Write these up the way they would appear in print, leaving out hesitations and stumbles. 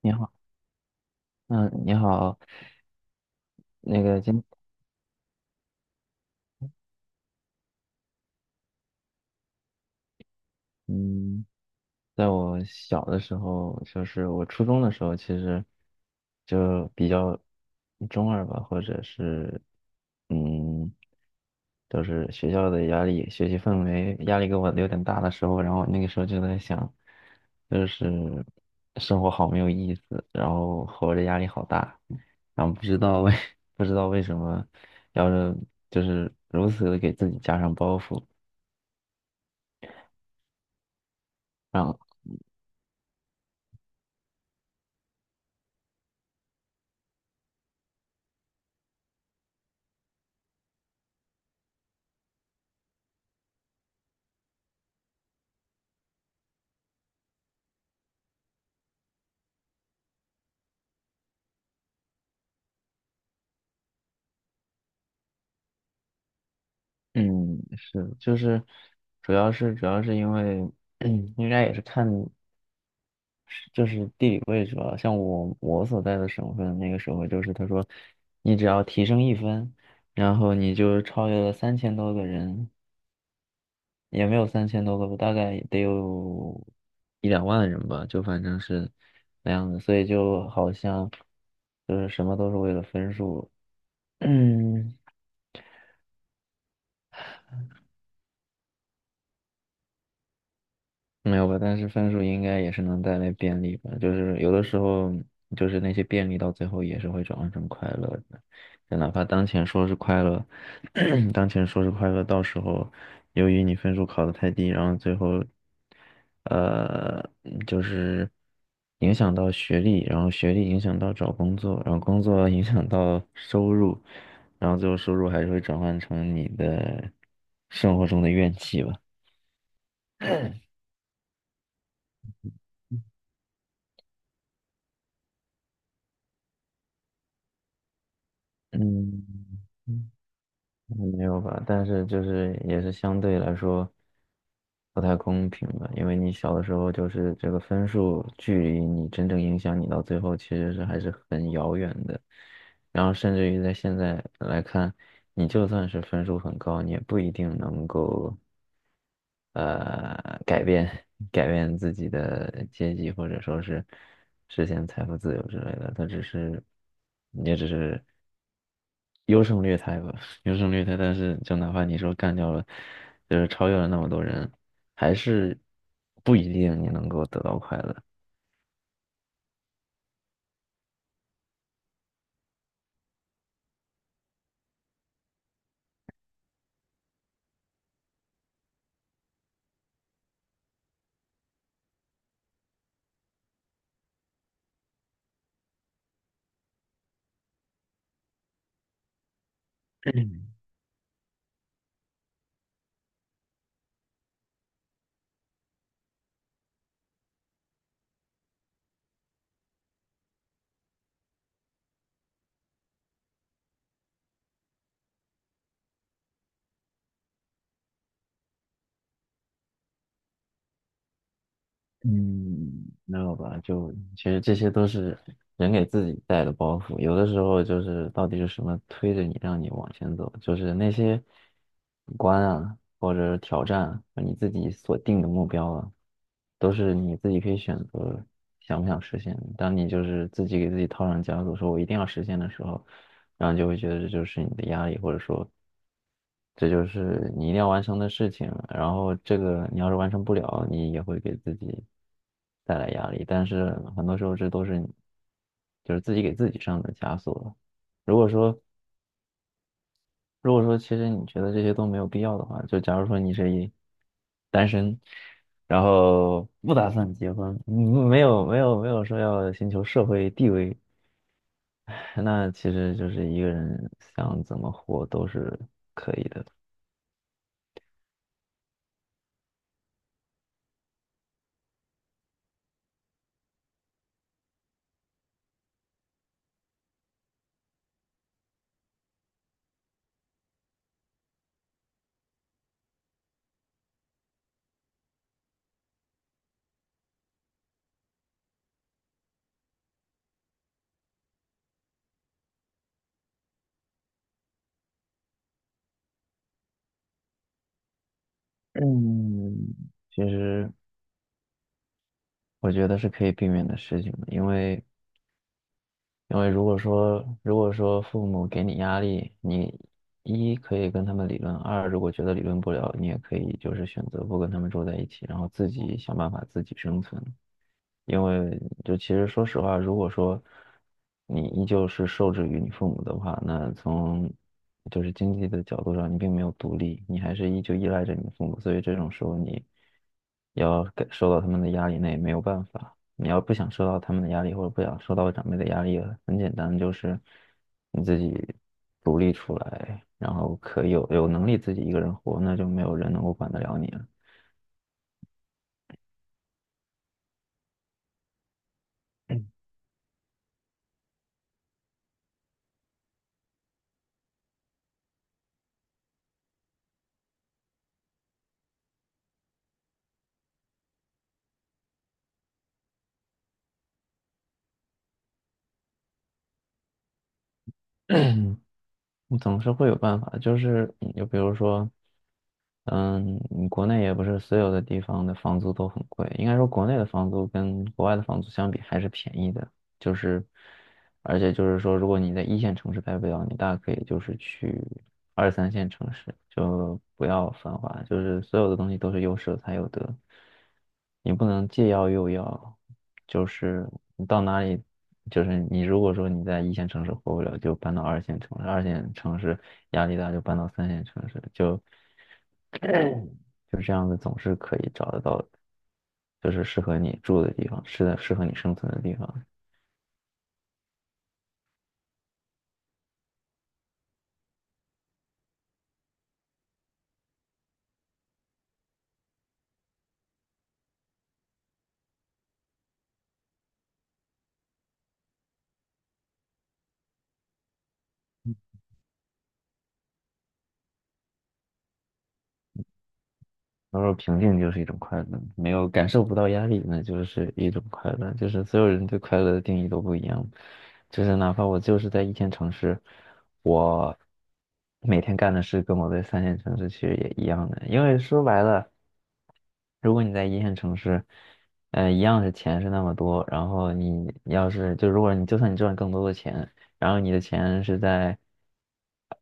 你好，嗯，你好，那个今，嗯，在我小的时候，就是我初中的时候，其实就比较中二吧，或者是，嗯，就是学校的压力、学习氛围压力给我有点大的时候，然后那个时候就在想，就是生活好没有意思，然后活着压力好大，然后不知道为 不知道为什么要是就是如此的给自己加上包袱。啊，嗯，是，就是，主要是因为，应该也是看，就是地理位置吧。像我所在的省份，那个时候就是他说，你只要提升1分，然后你就超越了三千多个人，也没有三千多个吧，大概得有一两万人吧，就反正是那样的。所以就好像就是什么都是为了分数，嗯。没有吧，但是分数应该也是能带来便利吧。就是有的时候，就是那些便利到最后也是会转换成快乐的。就哪怕当前说是快乐，当前说是快乐，到时候由于你分数考得太低，然后最后，呃，就是影响到学历，然后学历影响到找工作，然后工作影响到收入，然后最后收入还是会转换成你的生活中的怨气吧。嗯。嗯没有吧？但是就是也是相对来说不太公平吧，因为你小的时候就是这个分数距离你真正影响你到最后其实是还是很遥远的，然后甚至于在现在来看，你就算是分数很高，你也不一定能够。呃改变改变自己的阶级，或者说是实现财富自由之类的，他只是也只是优胜劣汰吧，优胜劣汰。但是就哪怕你说干掉了，就是超越了那么多人，还是不一定你能够得到快乐。嗯，没有吧？就其实这些都是人给自己带的包袱，有的时候就是到底是什么推着你让你往前走，就是那些关啊，或者是挑战啊你自己所定的目标啊，都是你自己可以选择想不想实现的当你就是自己给自己套上枷锁，说我一定要实现的时候，然后就会觉得这就是你的压力，或者说这就是你一定要完成的事情。然后这个你要是完成不了，你也会给自己带来压力。但是很多时候这都是你就是自己给自己上的枷锁了如果说如果说其实你觉得这些都没有必要的话，就假如说你是一单身，然后不打算结婚，没有说要寻求社会地位 那其实就是一个人想怎么活都是，嗯，其实我觉得是可以避免的事情的因为因为如果说父母给你压力，你一可以跟他们理论，二如果觉得理论不了，你也可以就是选择不跟他们住在一起，然后自己想办法自己生存。因为就其实说实话，如果说你依旧是受制于你父母的话，那从就是经济的角度上，你并没有独立，你还是依旧依赖着你的父母，所以这种时候你要感受到他们的压力，那也没有办法。你要不想受到他们的压力，或者不想受到长辈的压力，很简单，就是你自己独立出来，然后可以有能力自己一个人活，那就没有人能够管得了你了。我总是会有办法，就是就比如说，嗯，国内也不是所有的地方的房租都很贵，应该说国内的房租跟国外的房租相比还是便宜的，就是。而且就是说，如果你在一线城市待不了，你大可以就是去二三线城市，就不要繁华，就是所有的东西都是有舍才有得，你不能既要又要，就是你到哪里，就是你如果说你在一线城市活不了，就搬到二线城市，二线城市压力大就搬到三线城市，就 就这样子总是可以找得到，就是适合你住的地方，适合你生存的地方。他说平静就是一种快乐，没有感受不到压力，那就是一种快乐。就是所有人对快乐的定义都不一样，就是哪怕我就是在一线城市，我每天干的事跟我在三线城市其实也一样的，因为说白了。如果你在一线城市，一样是钱是那么多，然后你要是就如果你就算你赚更多的钱，然后你的钱是在，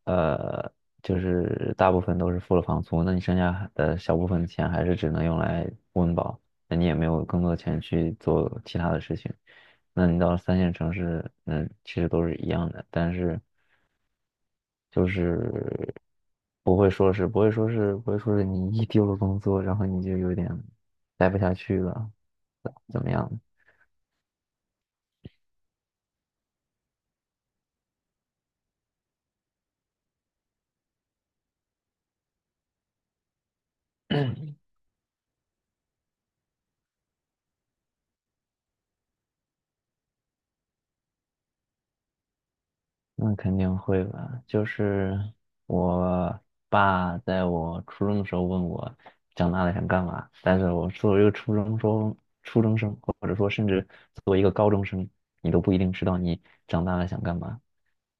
呃，就是大部分都是付了房租，那你剩下的小部分的钱还是只能用来温饱，那你也没有更多的钱去做其他的事情。那你到三线城市，那其实都是一样的，但是就是不会说是你一丢了工作，然后你就有点待不下去了，怎么样？那肯定会吧。就是我爸在我初中的时候问我长大了想干嘛，但是我作为一个初中生，或者说甚至作为一个高中生，你都不一定知道你长大了想干嘛。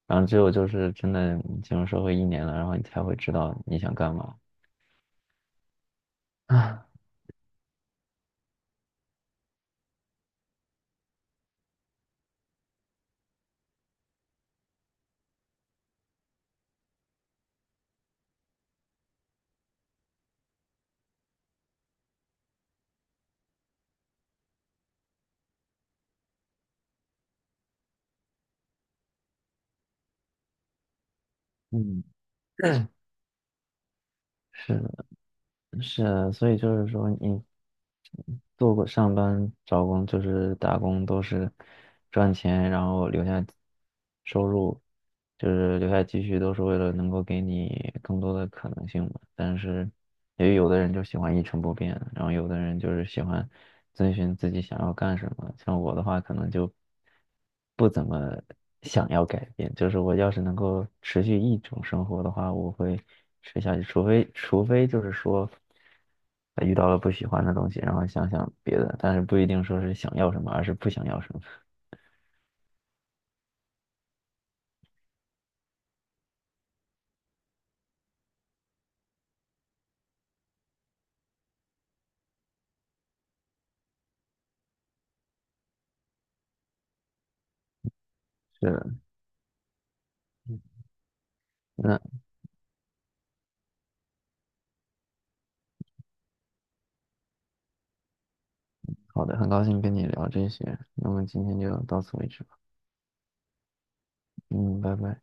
然后只有就是真的你进入社会1年了，然后你才会知道你想干嘛。啊，嗯，是的，是的，所以就是说你做过上班、找工就是打工，都是赚钱，然后留下收入，就是留下积蓄，都是为了能够给你更多的可能性嘛。但是，也有的人就喜欢一成不变，然后有的人就是喜欢遵循自己想要干什么。像我的话，可能就不怎么想要改变，就是我要是能够持续一种生活的话，我会持下去，除非就是说。他遇到了不喜欢的东西，然后想想别的，但是不一定说是想要什么，而是不想要什么。是的，那好的，很高兴跟你聊这些，那么今天就到此为止吧。嗯，拜拜。